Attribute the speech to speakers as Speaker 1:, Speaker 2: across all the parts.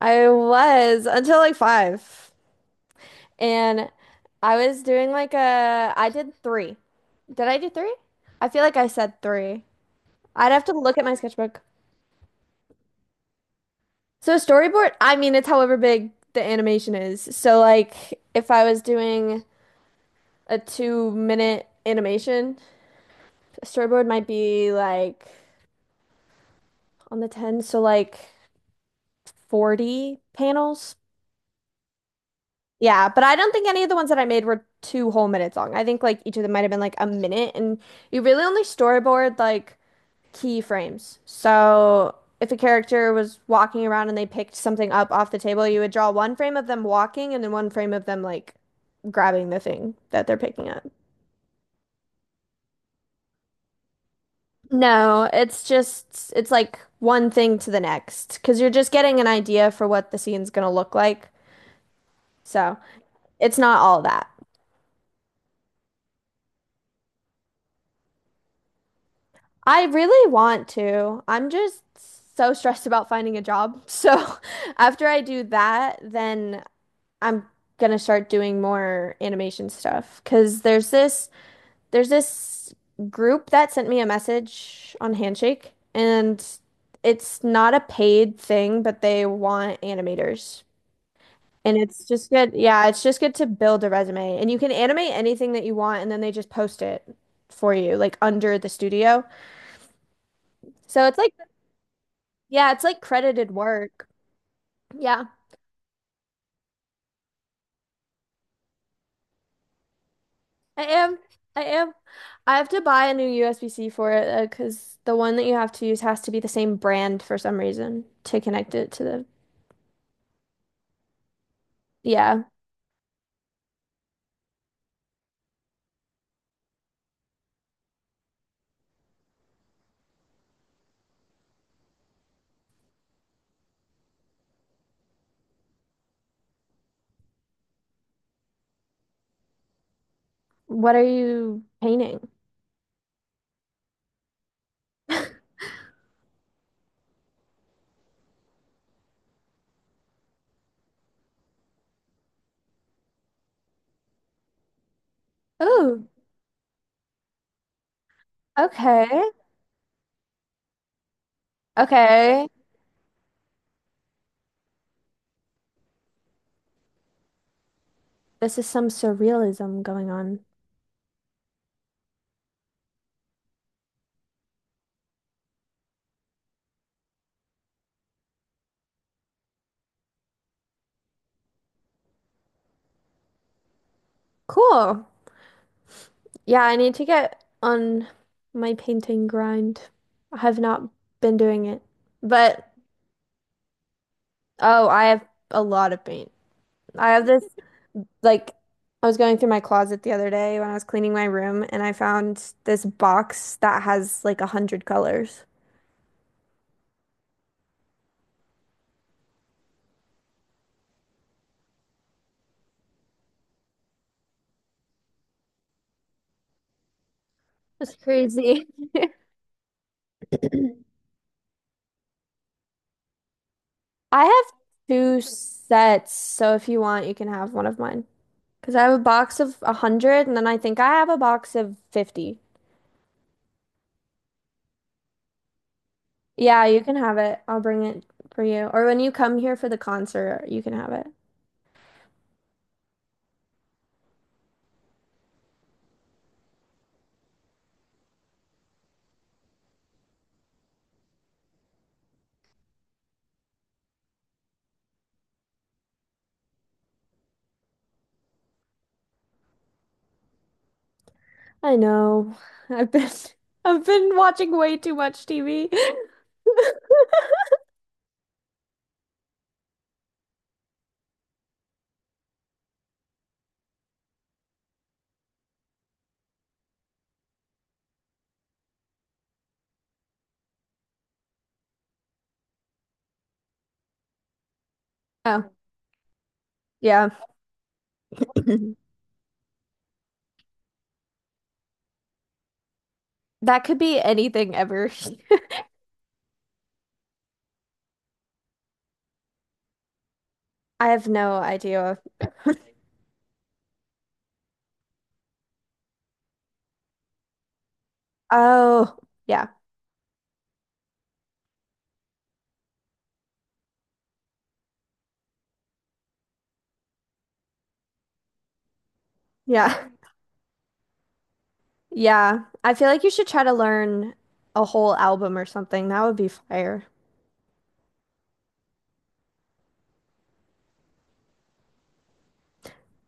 Speaker 1: I was until like five. And I was doing I did three. Did I do three? I feel like I said three. I'd have to look at my sketchbook. So storyboard, I mean, it's however big the animation is. So like if I was doing a 2-minute animation, storyboard might be like on the 10, so like 40 panels. Yeah, but I don't think any of the ones that I made were two whole minutes long. I think like each of them might have been like a minute, and you really only storyboard like key frames. So if a character was walking around and they picked something up off the table, you would draw one frame of them walking and then one frame of them like grabbing the thing that they're picking up. No, it's like one thing to the next because you're just getting an idea for what the scene's gonna look like. So it's not all that. I really want to. I'm just so stressed about finding a job. So after I do that, then I'm gonna start doing more animation stuff. 'Cause there's this group that sent me a message on Handshake, and it's not a paid thing, but they want animators. And it's just good. Yeah, it's just good to build a resume. And you can animate anything that you want, and then they just post it for you, like under the studio. So it's like yeah, it's like credited work. Yeah, I am. I am. I have to buy a new USB-C for it 'cause because the one that you have to use has to be the same brand for some reason to connect it to the. Yeah. What are you painting? Oh, okay. Okay. This is some surrealism going on. Cool. Yeah, I need to get on my painting grind. I have not been doing it, but oh, I have a lot of paint. I have this. Like I was going through my closet the other day when I was cleaning my room and I found this box that has like 100 colors. That's crazy. I have two sets, so if you want, you can have one of mine. Because I have a box of 100 and then I think I have a box of 50. Yeah, you can have it. I'll bring it for you. Or when you come here for the concert, you can have it. I know. I've been I've been watching way too much TV. Oh, yeah. That could be anything ever. I have no idea. Oh, yeah. Yeah. Yeah. I feel like you should try to learn a whole album or something. That would be fire.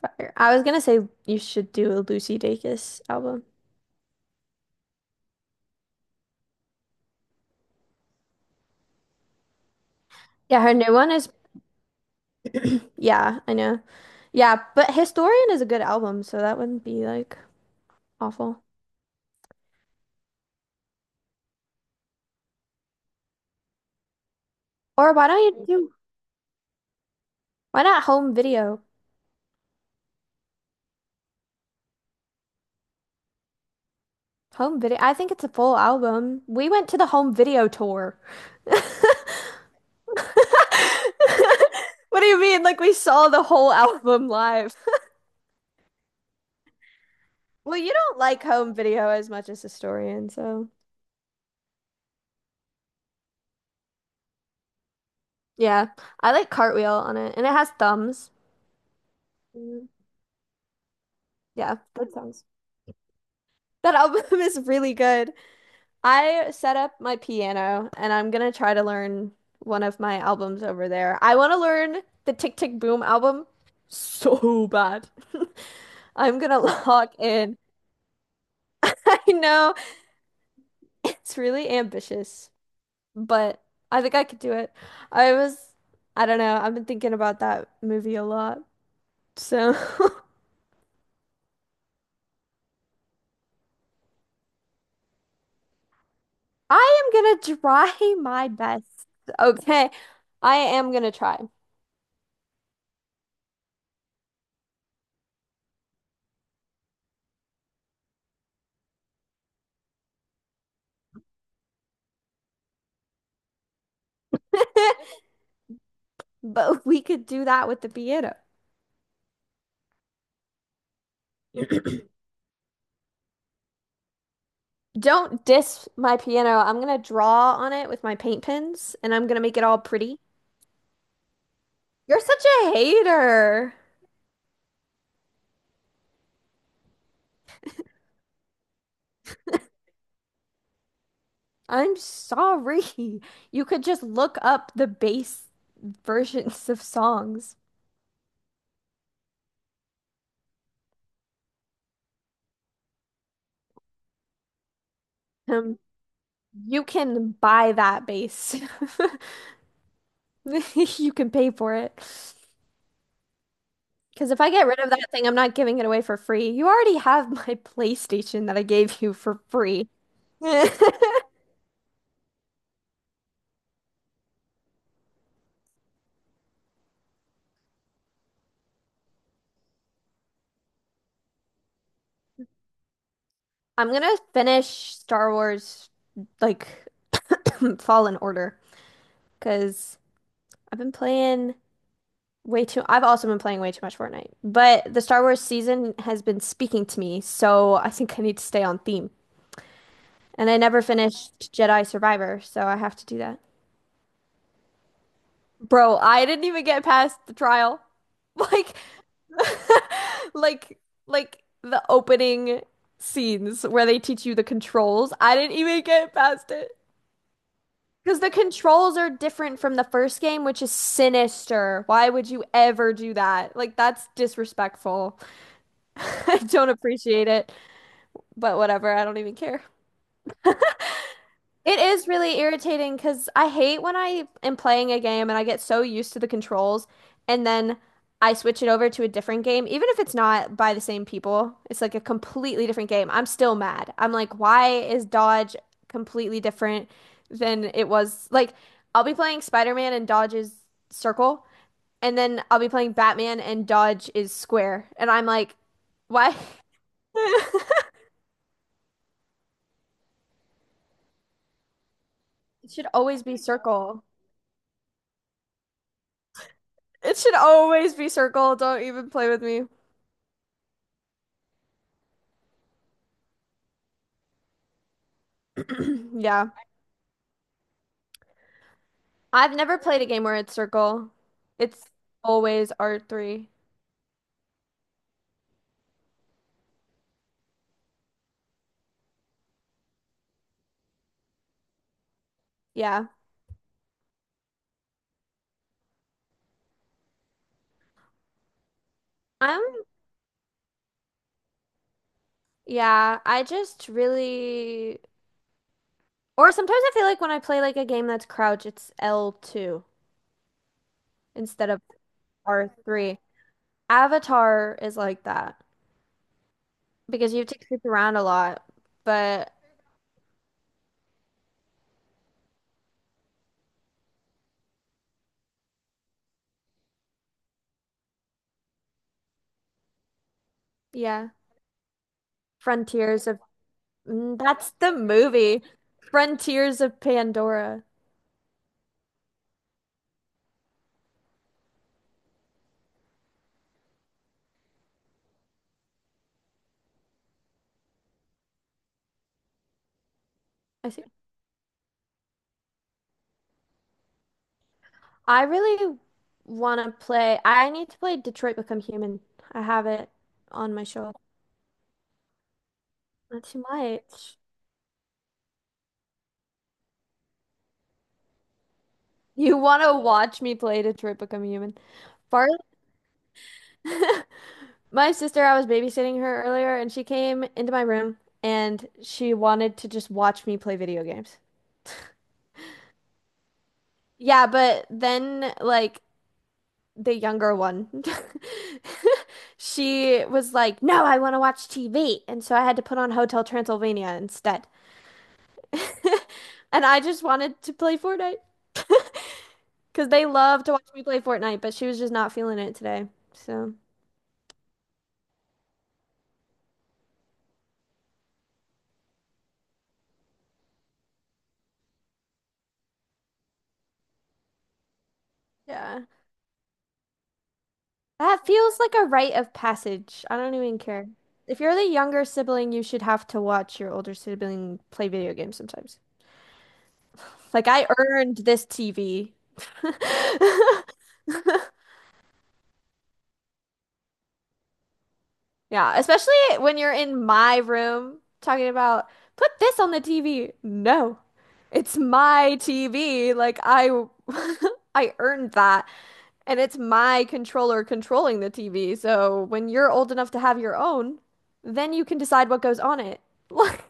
Speaker 1: Fire. I was gonna say you should do a Lucy Dacus album. Yeah, her new one is, yeah, I know. Yeah, but Historian is a good album, so that wouldn't be like awful. Or why don't you do, Why not Home Video? Home Video. I think it's a full album. We went to the Home Video tour. What do you mean? Like we saw the whole album live. Well, you don't like home video as much as Historian, so yeah. I like Cartwheel on it, and it has thumbs. Mm, yeah, that sounds. That album is really good. I set up my piano, and I'm gonna try to learn one of my albums over there. I want to learn the Tick Tick Boom album so bad. I'm gonna lock in. I know it's really ambitious, but I think I could do it. I was, I don't know, I've been thinking about that movie a lot. So I am gonna try my best. Okay, I am gonna try. But we could do that with the piano. Don't diss my piano. I'm gonna draw on it with my paint pens and I'm gonna make it all pretty. You're such a hater. I'm sorry. You could just look up the bass versions of songs. Um. You can buy that base. You can pay for it. Because if I get rid of that thing, I'm not giving it away for free. You already have my PlayStation that I gave you for free. I'm gonna finish Star Wars like Fallen Order because I've been playing way too. I've also been playing way too much Fortnite, but the Star Wars season has been speaking to me, so I think I need to stay on theme. And I never finished Jedi Survivor, so I have to do that. Bro, I didn't even get past the trial. Like, like, the opening scenes where they teach you the controls. I didn't even get past it. Because the controls are different from the first game, which is sinister. Why would you ever do that? Like, that's disrespectful. I don't appreciate it, but whatever. I don't even care. It is really irritating because I hate when I am playing a game and I get so used to the controls and then I switch it over to a different game, even if it's not by the same people. It's like a completely different game. I'm still mad. I'm like, why is Dodge completely different than it was? Like, I'll be playing Spider-Man and Dodge is circle, and then I'll be playing Batman and Dodge is square. And I'm like, why? It should always be circle. It should always be circle. Don't even play with me. Yeah. I've never played a game where it's circle. It's always R3. Yeah. I'm, yeah, or sometimes I feel like when I play like a game that's crouch, it's L2 instead of R3. Avatar is like that because you have to creep around a lot. But yeah, Frontiers of, that's the movie. Frontiers of Pandora. I see. I really want to play. I need to play Detroit Become Human. I have it on my shelf. Not too much. You want to watch me play Detroit Become Human? Part my sister, I was babysitting her earlier, and she came into my room and she wanted to just watch me play video games. Yeah, but then like the younger one, she was like, "No, I want to watch TV," and so I had to put on Hotel Transylvania instead. And I just wanted to play Fortnite because they love to watch me play Fortnite, but she was just not feeling it today. So, yeah. That feels like a rite of passage. I don't even care. If you're the younger sibling, you should have to watch your older sibling play video games sometimes. Like, I earned this TV. Yeah, especially when you're in my room talking about put this on the TV. No, it's my TV. Like I I earned that and it's my controller controlling the TV. So when you're old enough to have your own, then you can decide what goes on it. Like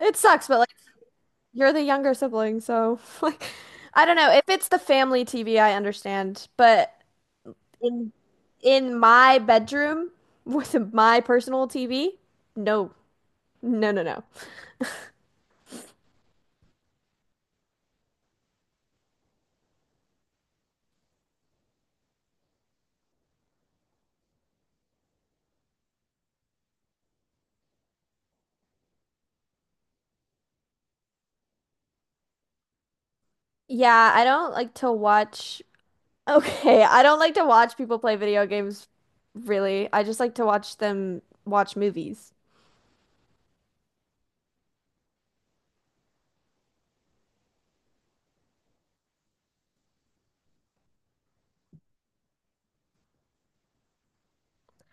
Speaker 1: it sucks, but like you're the younger sibling, so like I don't know. If it's the family TV, I understand, but in in my bedroom with my personal TV. No, no, no, no. Yeah, I don't like to watch. Okay, I don't like to watch people play video games, really. I just like to watch them watch movies.